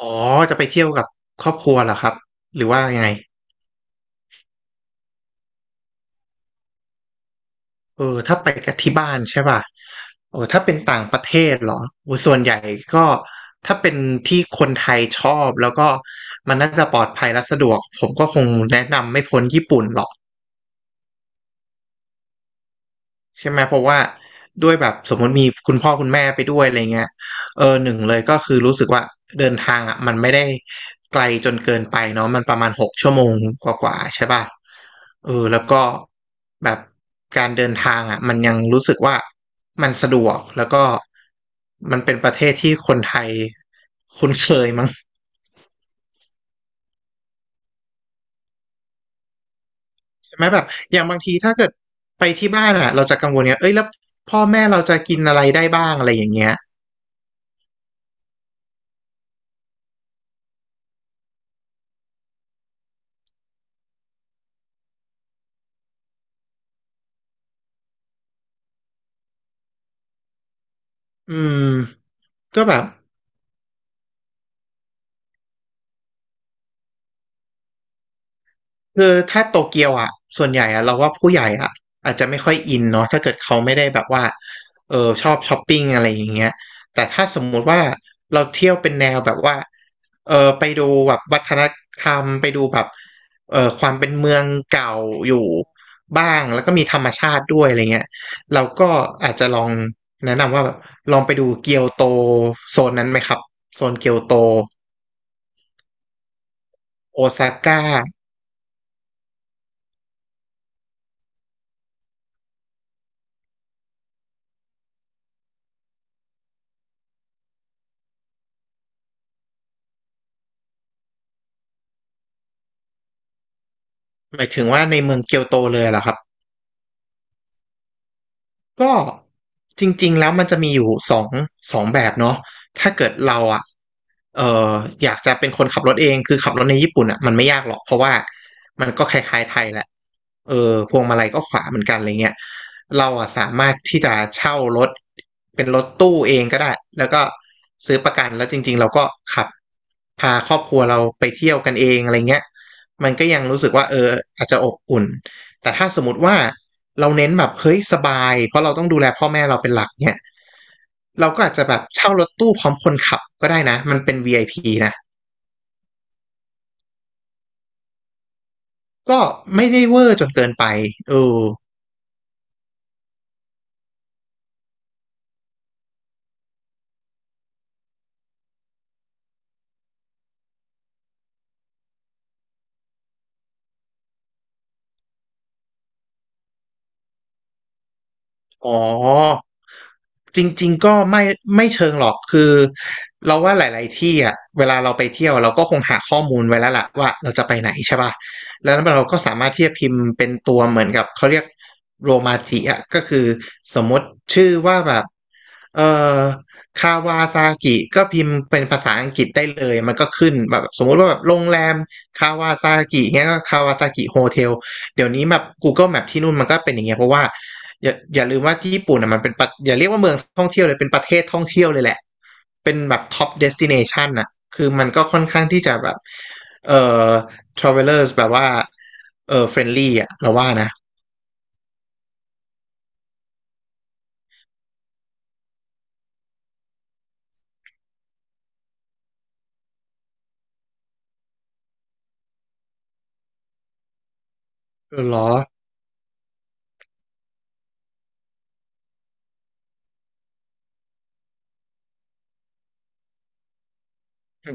อ๋อจะไปเที่ยวกับครอบครัวเหรอครับหรือว่ายังไงเออถ้าไปกับที่บ้านใช่ป่ะโอ้ถ้าเป็นต่างประเทศเหรอโอ้ส่วนใหญ่ก็ถ้าเป็นที่คนไทยชอบแล้วก็มันน่าจะปลอดภัยและสะดวกผมก็คงแนะนำไม่พ้นญี่ปุ่นหรอก ใช่ไหมเพราะว่าด้วยแบบสมมติมีคุณพ่อคุณแม่ไปด้วยอะไรเงี้ยเออหนึ่งเลยก็คือรู้สึกว่าเดินทางอ่ะมันไม่ได้ไกลจนเกินไปเนาะมันประมาณหกชั่วโมงกว่าๆใช่ป่ะเออแล้วก็แบบการเดินทางอ่ะมันยังรู้สึกว่ามันสะดวกแล้วก็มันเป็นประเทศที่คนไทยคุ้นเคยมั้งใช่ไหมแบบอย่างบางทีถ้าเกิดไปที่บ้านอ่ะเราจะกังวลเงี้ยเอ้ยแล้วพ่อแม่เราจะกินอะไรได้บ้างอะไรอย่างเงี้ย อืมก็แบบคือถ้าโตเกียวอ่ะส่วนใหญ่อ่ะเราว่าผู้ใหญ่อ่ะอาจจะไม่ค่อยอินเนาะถ้าเกิดเขาไม่ได้แบบว่าเออชอบช้อปปิ้งอะไรอย่างเงี้ยแต่ถ้าสมมุติว่าเราเที่ยวเป็นแนวแบบว่าเออไปดูแบบวัฒนธรรมไปดูแบบเออความเป็นเมืองเก่าอยู่บ้างแล้วก็มีธรรมชาติด้วยอะไรเงี้ยเราก็อาจจะลองแนะนำว่าแบบลองไปดูเกียวโตโซนนั้นไหมครับโซนเกียวโตโอซาก้า หมายถึงว่าในเมืองเกียวโตเลยเหรอครับก็จริงๆแล้วมันจะมีอยู่สองแบบเนาะถ้าเกิดเราอ่ะเอออยากจะเป็นคนขับรถเองคือขับรถในญี่ปุ่นอ่ะมันไม่ยากหรอกเพราะว่ามันก็คล้ายๆไทยแหละเออพวงมาลัยก็ขวาเหมือนกันอะไรเงี้ยเราอ่ะสามารถที่จะเช่ารถเป็นรถตู้เองก็ได้แล้วก็ซื้อประกันแล้วจริงๆเราก็ขับพาครอบครัวเราไปเที่ยวกันเองอะไรเงี้ยมันก็ยังรู้สึกว่าเอออาจจะอบอุ่น แต่ถ้าสมมติว่าเราเน้นแบบเฮ้ยสบายเพราะเราต้องดูแลพ่อแม่เราเป็นหลักเนี่ยเราก็อาจจะแบบเช่ารถตู้พร้อมคนขับก็ได้นะมันเป็น VIP นะก็ไม่ได้เวอร์จนเกินไปเออ อ๋อจริงๆก็ไม่เชิงหรอกคือเราว่าหลายๆที่อ่ะเวลาเราไปเที่ยวเราก็คงหาข้อมูลไว้แล้วล่ะว่าเราจะไปไหนใช่ป่ะแล้วเราก็สามารถที่จะพิมพ์เป็นตัวเหมือนกับเขาเรียกโรมาจิอ่ะก็คือสมมติชื่อว่าแบบเอ่อคาวาซากิก็พิมพ์เป็นภาษาอังกฤษได้เลยมันก็ขึ้นแบบสมมุติว่าแบบโรงแรมคาวาซากิเงี้ยก็คาวาซากิโฮเทล เดี๋ยวนี้แบบ Google Map ที่นู่นมันก็เป็นอย่างเงี้ยเพราะว่าอย่าลืมว่าที่ญี่ปุ่นอ่ะมันเป็นประอย่าเรียกว่าเมืองท่องเที่ยวเลยเป็นประเทศท่องเที่ยวเลยแหละเป็นแบบท็อปเดสติเนชันอ่ะคือมันก็ค่อนข้างที่จะแบบเอ่อ travelers แบบว่าfriendly อ่ะเราว่านะเออเหรอ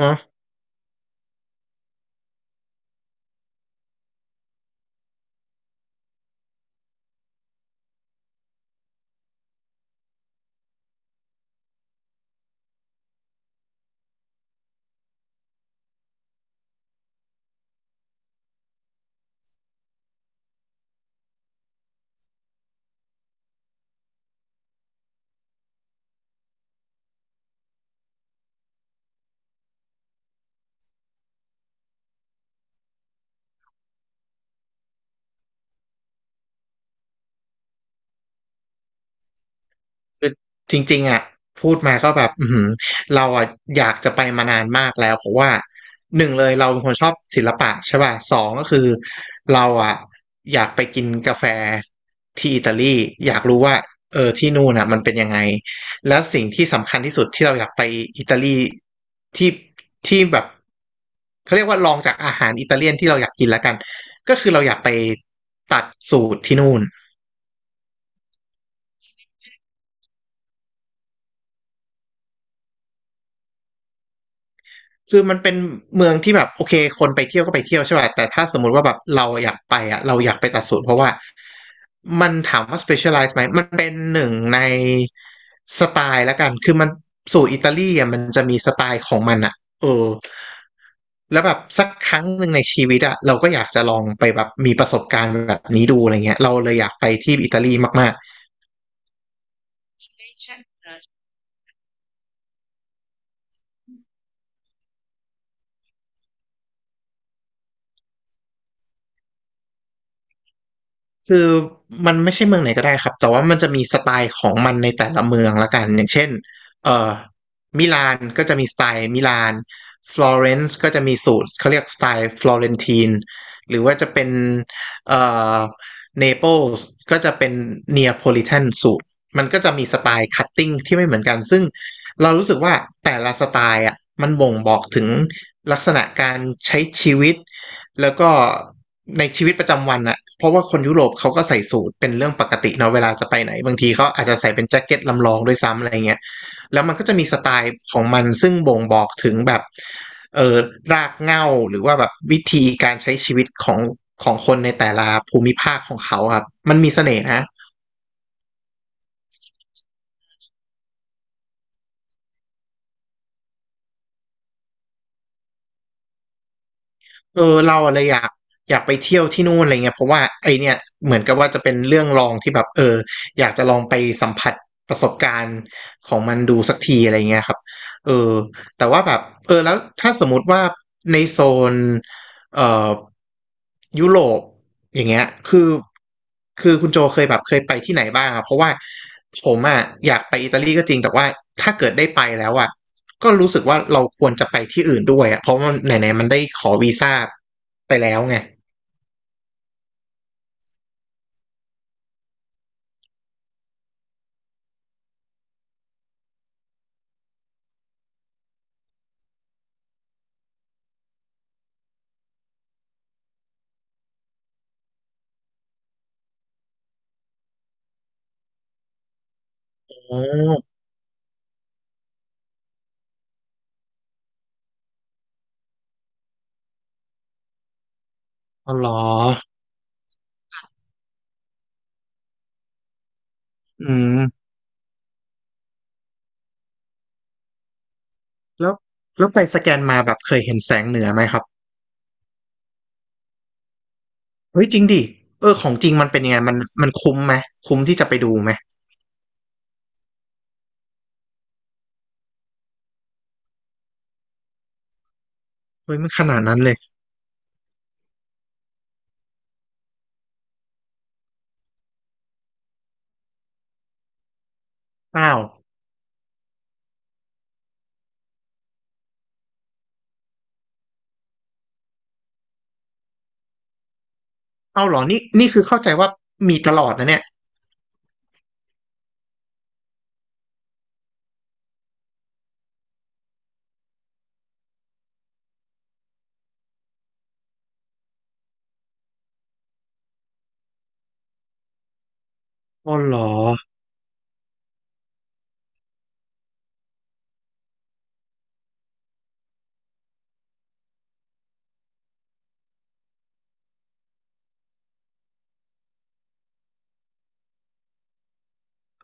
อะ คือจริงๆอ่ะพูดมาก็แบบอือหือเราอ่ะอยากจะไปมานานมากแล้วเพราะว่าหนึ่งเลยเราเป็นคนชอบศิลปะใช่ป่ะสองก็คือเราอ่ะอยากไปกินกาแฟที่อิตาลีอยากรู้ว่าเออที่นู่นอ่ะมันเป็นยังไงแล้วสิ่งที่สำคัญที่สุดที่เราอยากไปอิตาลีที่ที่แบบเขาเรียกว่าลองจากอาหารอิตาเลียนที่เราอยากกินแล้วกันก็คือเราอยากไปตัดสูตรที่นู่น คือมันเป็นเมืองที่แบบโอเคคนไปเที่ยวก็ไปเที่ยวใช่ป่ะแต่ถ้าสมมุติว่าแบบเราอยากไปอ่ะเราอยากไปตัดสูตรเพราะว่ามันถามว่า specialize ไหมมันเป็นหนึ่งในสไตล์ละกันคือมันสูตรอิตาลีอ่ะมันจะมีสไตล์ของมันอ่ะเออแล้วแบบสักครั้งหนึ่งในชีวิตอ่ะเราก็อยากจะลองไปแบบมีประสบการณ์แบบนี้ดูอะไรเงี้ยเราเลยอยากไปที่อิตาลีมาก คือมันไม่ใช่เมืองไหนก็ได้ครับแต่ว่ามันจะมีสไตล์ของมันในแต่ละเมืองละกันอย่างเช่นเอ่อมิลานก็จะมีสไตล์มิลานฟลอเรนซ์ก็จะมีสูตรเขาเรียกสไตล์ฟลอเรนทีนหรือว่าจะเป็นเอ่อเนเปิลส์ก็จะเป็นเนียโพลิแทนสูตรมันก็จะมีสไตล์คัตติ้งที่ไม่เหมือนกันซึ่งเรารู้สึกว่าแต่ละสไตล์อ่ะมันบ่งบอกถึงลักษณะการใช้ชีวิต แล้วก็ในชีวิตประจำวันอะเพราะว่าคนยุโรปเขาก็ใส่สูทเป็นเรื่องปกติเนาะเวลาจะไปไหนบางทีเขาอาจจะใส่เป็นแจ็คเก็ตลำลองด้วยซ้ำอะไรเงี้ยแล้วมันก็จะมีสไตล์ของมันซึ่งบ่งบอกถึงแบบเออรากเหง้าหรือว่าแบบวิธีการใช้ชีวิตของคนในแต่ละภูมิภาคของเขาครับมันมีเสน่ห์นะ เออเราอะไรอยากอยากไปเที่ยวที่นู่นอะไรเงี้ยเพราะว่าไอเนี่ยเหมือนกับว่าจะเป็นเรื่องลองที่แบบอยากจะลองไปสัมผัสประสบการณ์ของมันดูสักทีอะไรเงี้ยครับเออแต่ว่าแบบเออแล้วถ้าสมมติว่าในโซนเอ่อยุโรปอย่างเงี้ยคือคุณโจเคยแบบเคยไปที่ไหนบ้างอะเพราะว่าผมอะอยากไปอิตาลีก็จริงแต่ว่าถ้าเกิดได้ไปแล้วอะ ก็รู้สึกว่าเราควรจะไปที่อื่นด้วยอะเพราะมันไหนๆมันได้ขอวีซ่าไปแล้วไงโอ้อ๋อเหรออืมแล้วแล้วไปสแกนมาแบบเคยเห็นแสงเหนือไหมครับ เฮ้ยจริงดิเออของจริงมันเป็นยังไงมันมันคุ้มไหมคุ้มที่จะไปดูไหมเฮ้ยมันขนาดนั้นเลยอ้าวเอ้าเหรอนี่คือเข้าใจว่ามีตลอดนะเนี่ยอ๋อเหรอ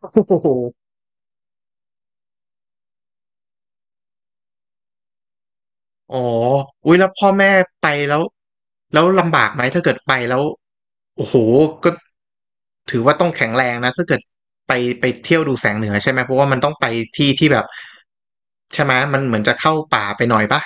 โอ้โห อ๋ออุ้ยแล้วพ่อแม่ไปแล้วแล้วลำบากไหมถ้าเกิดไปแล้วโอ้โหก็ถือว่าต้องแข็งแรงนะถ้าเกิดไปไปเที่ยวดูแสงเหนือใช่ไหมเพราะว่ามันต้องไปที่ที่แบบใช่ไหมมันเหมือนจะเข้าป่าไปหน่อยปะ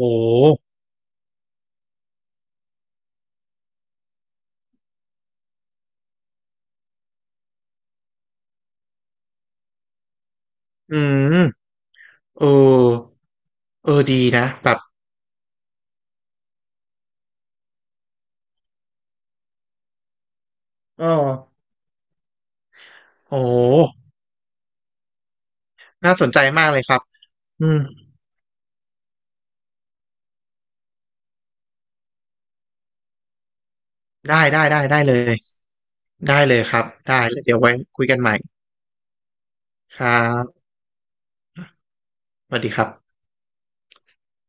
โอ้อืมเออเออดีนะแบบเออโอ้น่าสนใจมากเลยครับอืมได้ได้ได้ได้เลยได้เลยครับได้แล้วเดี๋ยวไว้คุยกันใหม่ครับสวัสดีครับ